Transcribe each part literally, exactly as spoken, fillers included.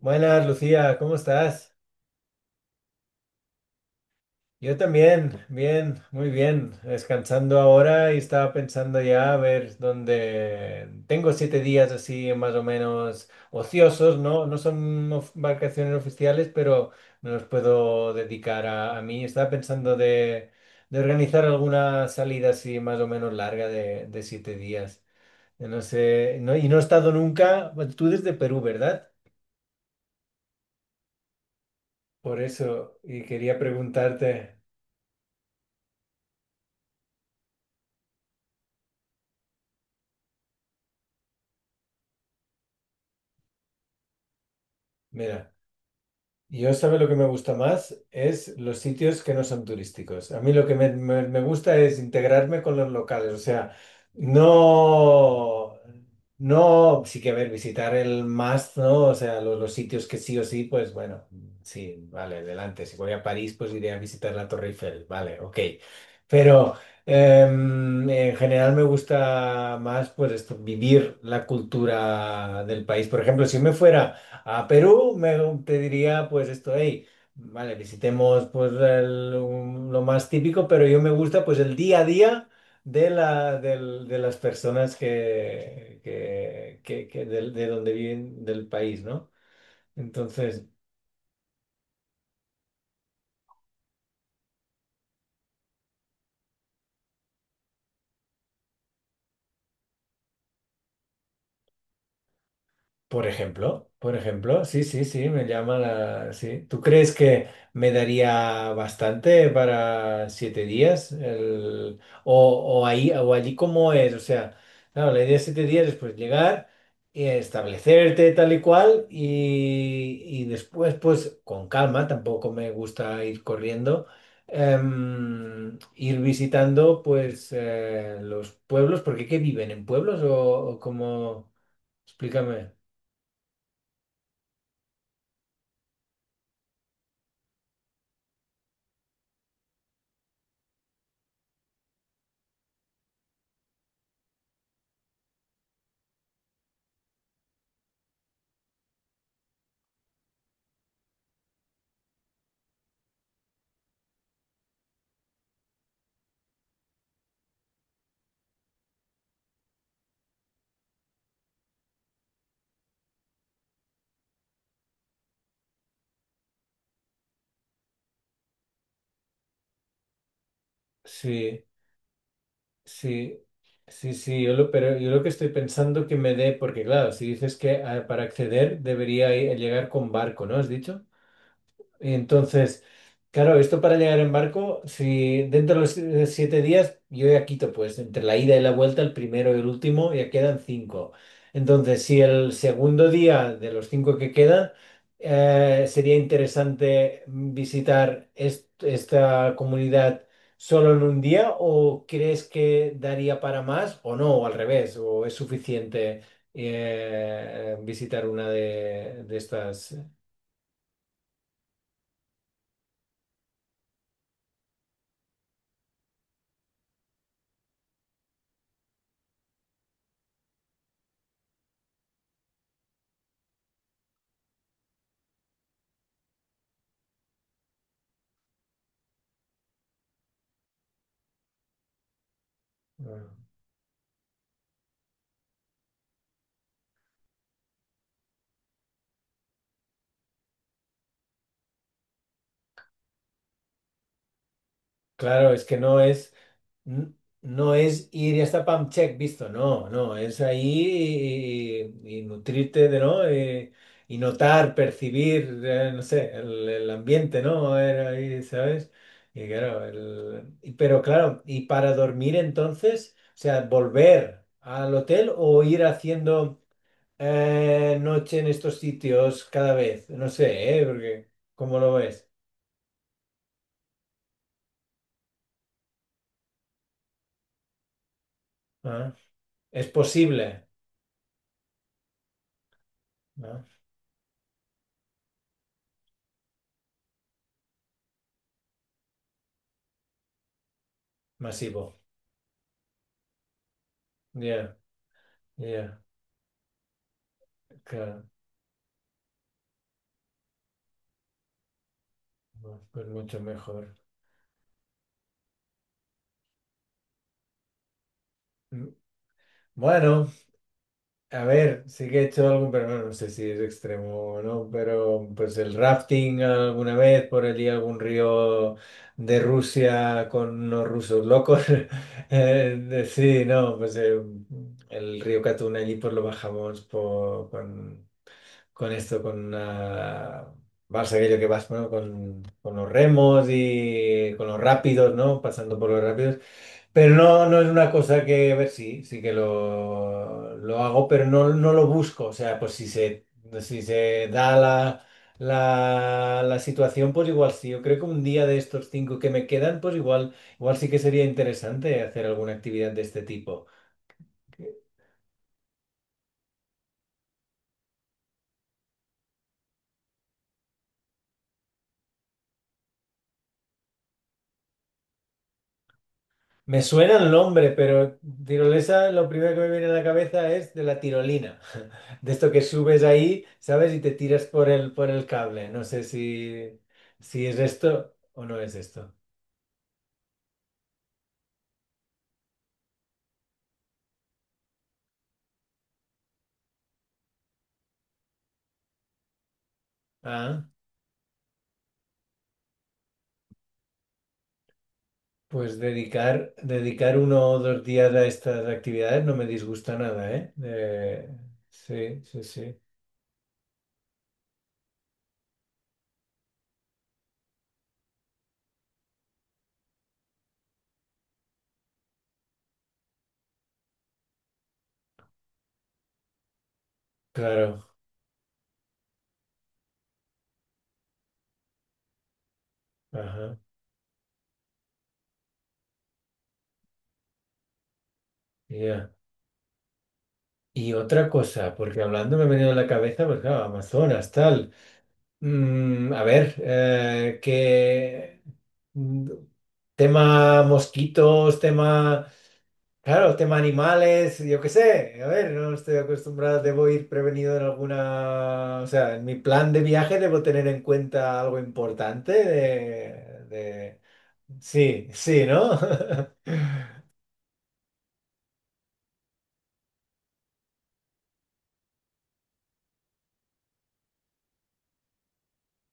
Buenas, Lucía, ¿cómo estás? Yo también, bien, muy bien, descansando ahora y estaba pensando ya a ver dónde tengo siete días así más o menos ociosos, ¿no? No son of- vacaciones oficiales, pero me los puedo dedicar a, a mí. Estaba pensando de, de organizar alguna salida así más o menos larga de, de siete días. Yo No sé, no, y no he estado nunca, bueno, tú desde Perú, ¿verdad? Por eso, y quería preguntarte, mira. Yo, ¿sabe lo que me gusta más? Es los sitios que no son turísticos. A mí lo que me, me- me gusta es integrarme con los locales. O sea, no, no, sí que a ver, visitar el más, ¿no? O sea, los, los sitios que sí o sí, pues bueno, sí, vale, adelante. Si voy a París, pues iré a visitar la Torre Eiffel. Vale, ok. Pero em, en general me gusta más, pues esto, vivir la cultura del país. Por ejemplo, si me fuera... A Perú me, te diría pues esto, hey, vale, visitemos pues el- un- lo más típico, pero yo me gusta pues el día a día de, la, del- de las personas que, que, que- que del- de, donde viven del país, ¿no? Entonces, por ejemplo, por ejemplo, sí, sí, sí, me llama la... Sí. ¿Tú crees que me daría bastante para siete días? El- O, o ahí, o allí cómo es, o sea, claro, la idea de siete días es pues llegar y establecerte tal y cual y, y después pues con calma, tampoco me gusta ir corriendo, em, ir visitando pues eh, los pueblos, porque ¿qué viven en pueblos o, o cómo? Explícame. Sí, sí, sí, sí, yo lo, pero yo lo que estoy pensando que me dé, porque claro, si dices que ah, para acceder debería i- llegar con barco, ¿no? ¿Has dicho? Entonces, claro, esto para llegar en barco, si dentro de los si- siete días, yo ya quito, pues, entre la ida y la vuelta, el primero y el último, ya quedan cinco. Entonces, si el segundo día de los cinco que quedan, eh, sería interesante visitar est- esta comunidad solo en un día, ¿o crees que daría para más o no, o al revés, o es suficiente eh, visitar una de, de estas? Eh, Claro, es que no es, n- no es ir y hasta pump check visto, no, no, es ahí y, y- y nutrirte de, ¿no? Eh, y notar, percibir, eh, no sé, el, el ambiente, ¿no? A ver, ahí, ¿sabes? Y claro, el- y- pero claro, y para dormir entonces, o sea, volver al hotel o ir haciendo eh, noche en estos sitios cada vez, no sé, ¿eh? Porque, ¿cómo lo ves? Ah, es posible, ¿no? Masivo. Ya, ya, claro, no, pues mucho mejor. Mm, Bueno, a ver, sí que he hecho algún, pero bueno, no sé si es extremo o no, pero pues el rafting alguna vez por allí, algún río de Rusia con unos rusos locos. Eh, de- sí, no, pues eh, el río Katun allí pues lo bajamos por- con, con esto, con una... Vas aquello que vas, bueno, con, con los remos y con los rápidos, ¿no? Pasando por los rápidos. Pero no, no es una cosa que, a ver, sí, sí que lo, lo hago, pero no, no lo busco. O sea, pues si se, si se da la, la, la situación, pues igual sí. Yo creo que un día de estos cinco que me quedan, pues igual, igual sí que sería interesante hacer alguna actividad de este tipo. Me suena el nombre, pero tirolesa, lo primero que me viene a la cabeza es de la tirolina. De esto que subes ahí, ¿sabes? Y te tiras por el, por el cable. No sé si, si es esto o no es esto. Ah, pues dedicar, dedicar uno o dos días a estas actividades no me disgusta nada, ¿eh? Eh, sí, sí, sí. Claro. Ajá. Ya. Y otra cosa, porque hablando me ha venido a la cabeza, pues claro, Amazonas, tal. Mm, a ver, eh, qué mm, tema mosquitos, tema. Claro, tema animales, yo qué sé, a ver, no estoy acostumbrado, debo ir prevenido en alguna, o sea, en mi plan de viaje debo tener en cuenta algo importante de, de- Sí, sí, ¿no?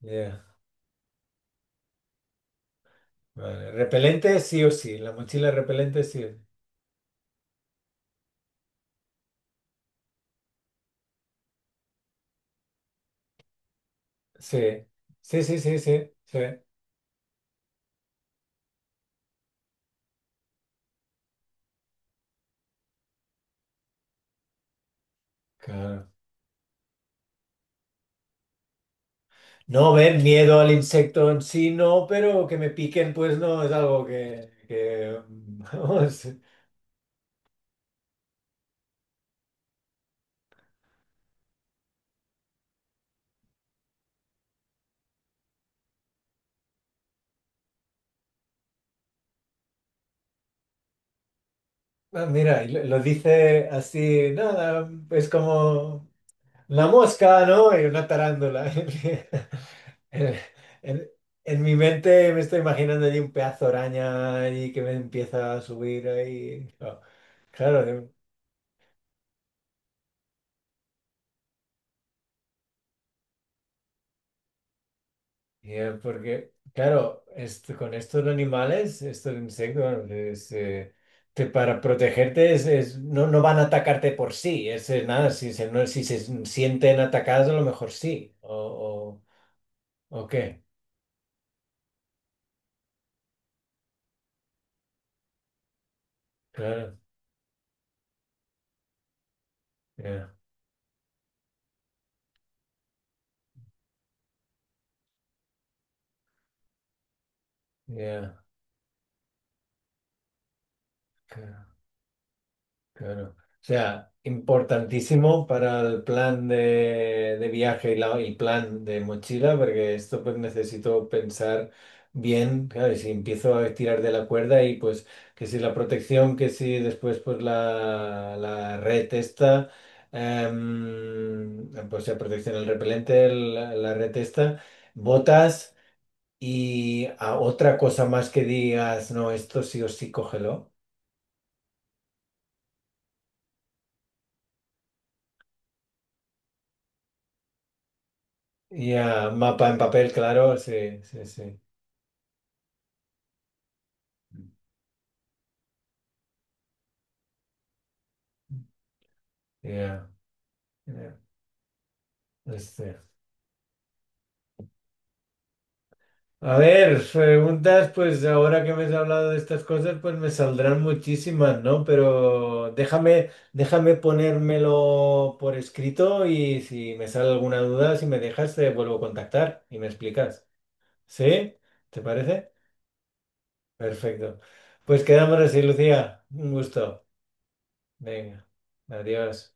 Yeah, vale. Repelente sí o sí, la mochila repelente sí. Sí, sí, sí, sí, sí, sí. Claro. No ver miedo al insecto en sí, no, pero que me piquen, pues no, es algo que, que vamos. Ah, mira, y lo, lo dice así, nada, es como la mosca, ¿no? Y una tarántula. En, en- en mi mente me estoy imaginando allí un pedazo de araña allí que me empieza a subir ahí. Oh, claro, de- y, eh, porque, claro, esto- con estos animales, estos insectos, bueno, es, eh, te- para protegerte es, es- no, no van a atacarte por sí, es eh, nada, si se, no, si se sienten atacados a lo mejor sí, o, o, o qué. Claro, ya, ya, claro, claro. O sea, importantísimo para el plan de, de viaje y la- el plan de mochila, porque esto pues necesito pensar bien, claro, y si empiezo a tirar de la cuerda y pues que si la protección, que si después pues la, la red esta, em, pues la protección, el repelente, el- la red esta, botas y a otra cosa más que digas, no, esto sí o sí cógelo. Ya, mapa en papel, claro, sí, sí, sí. Ya, ya, este. A ver, preguntas, pues ahora que me has hablado de estas cosas, pues me saldrán muchísimas, ¿no? Pero déjame, déjame ponérmelo por escrito y si me sale alguna duda, si me dejas, te vuelvo a contactar y me explicas. ¿Sí? ¿Te parece? Perfecto. Pues quedamos así, Lucía. Un gusto. Venga, adiós.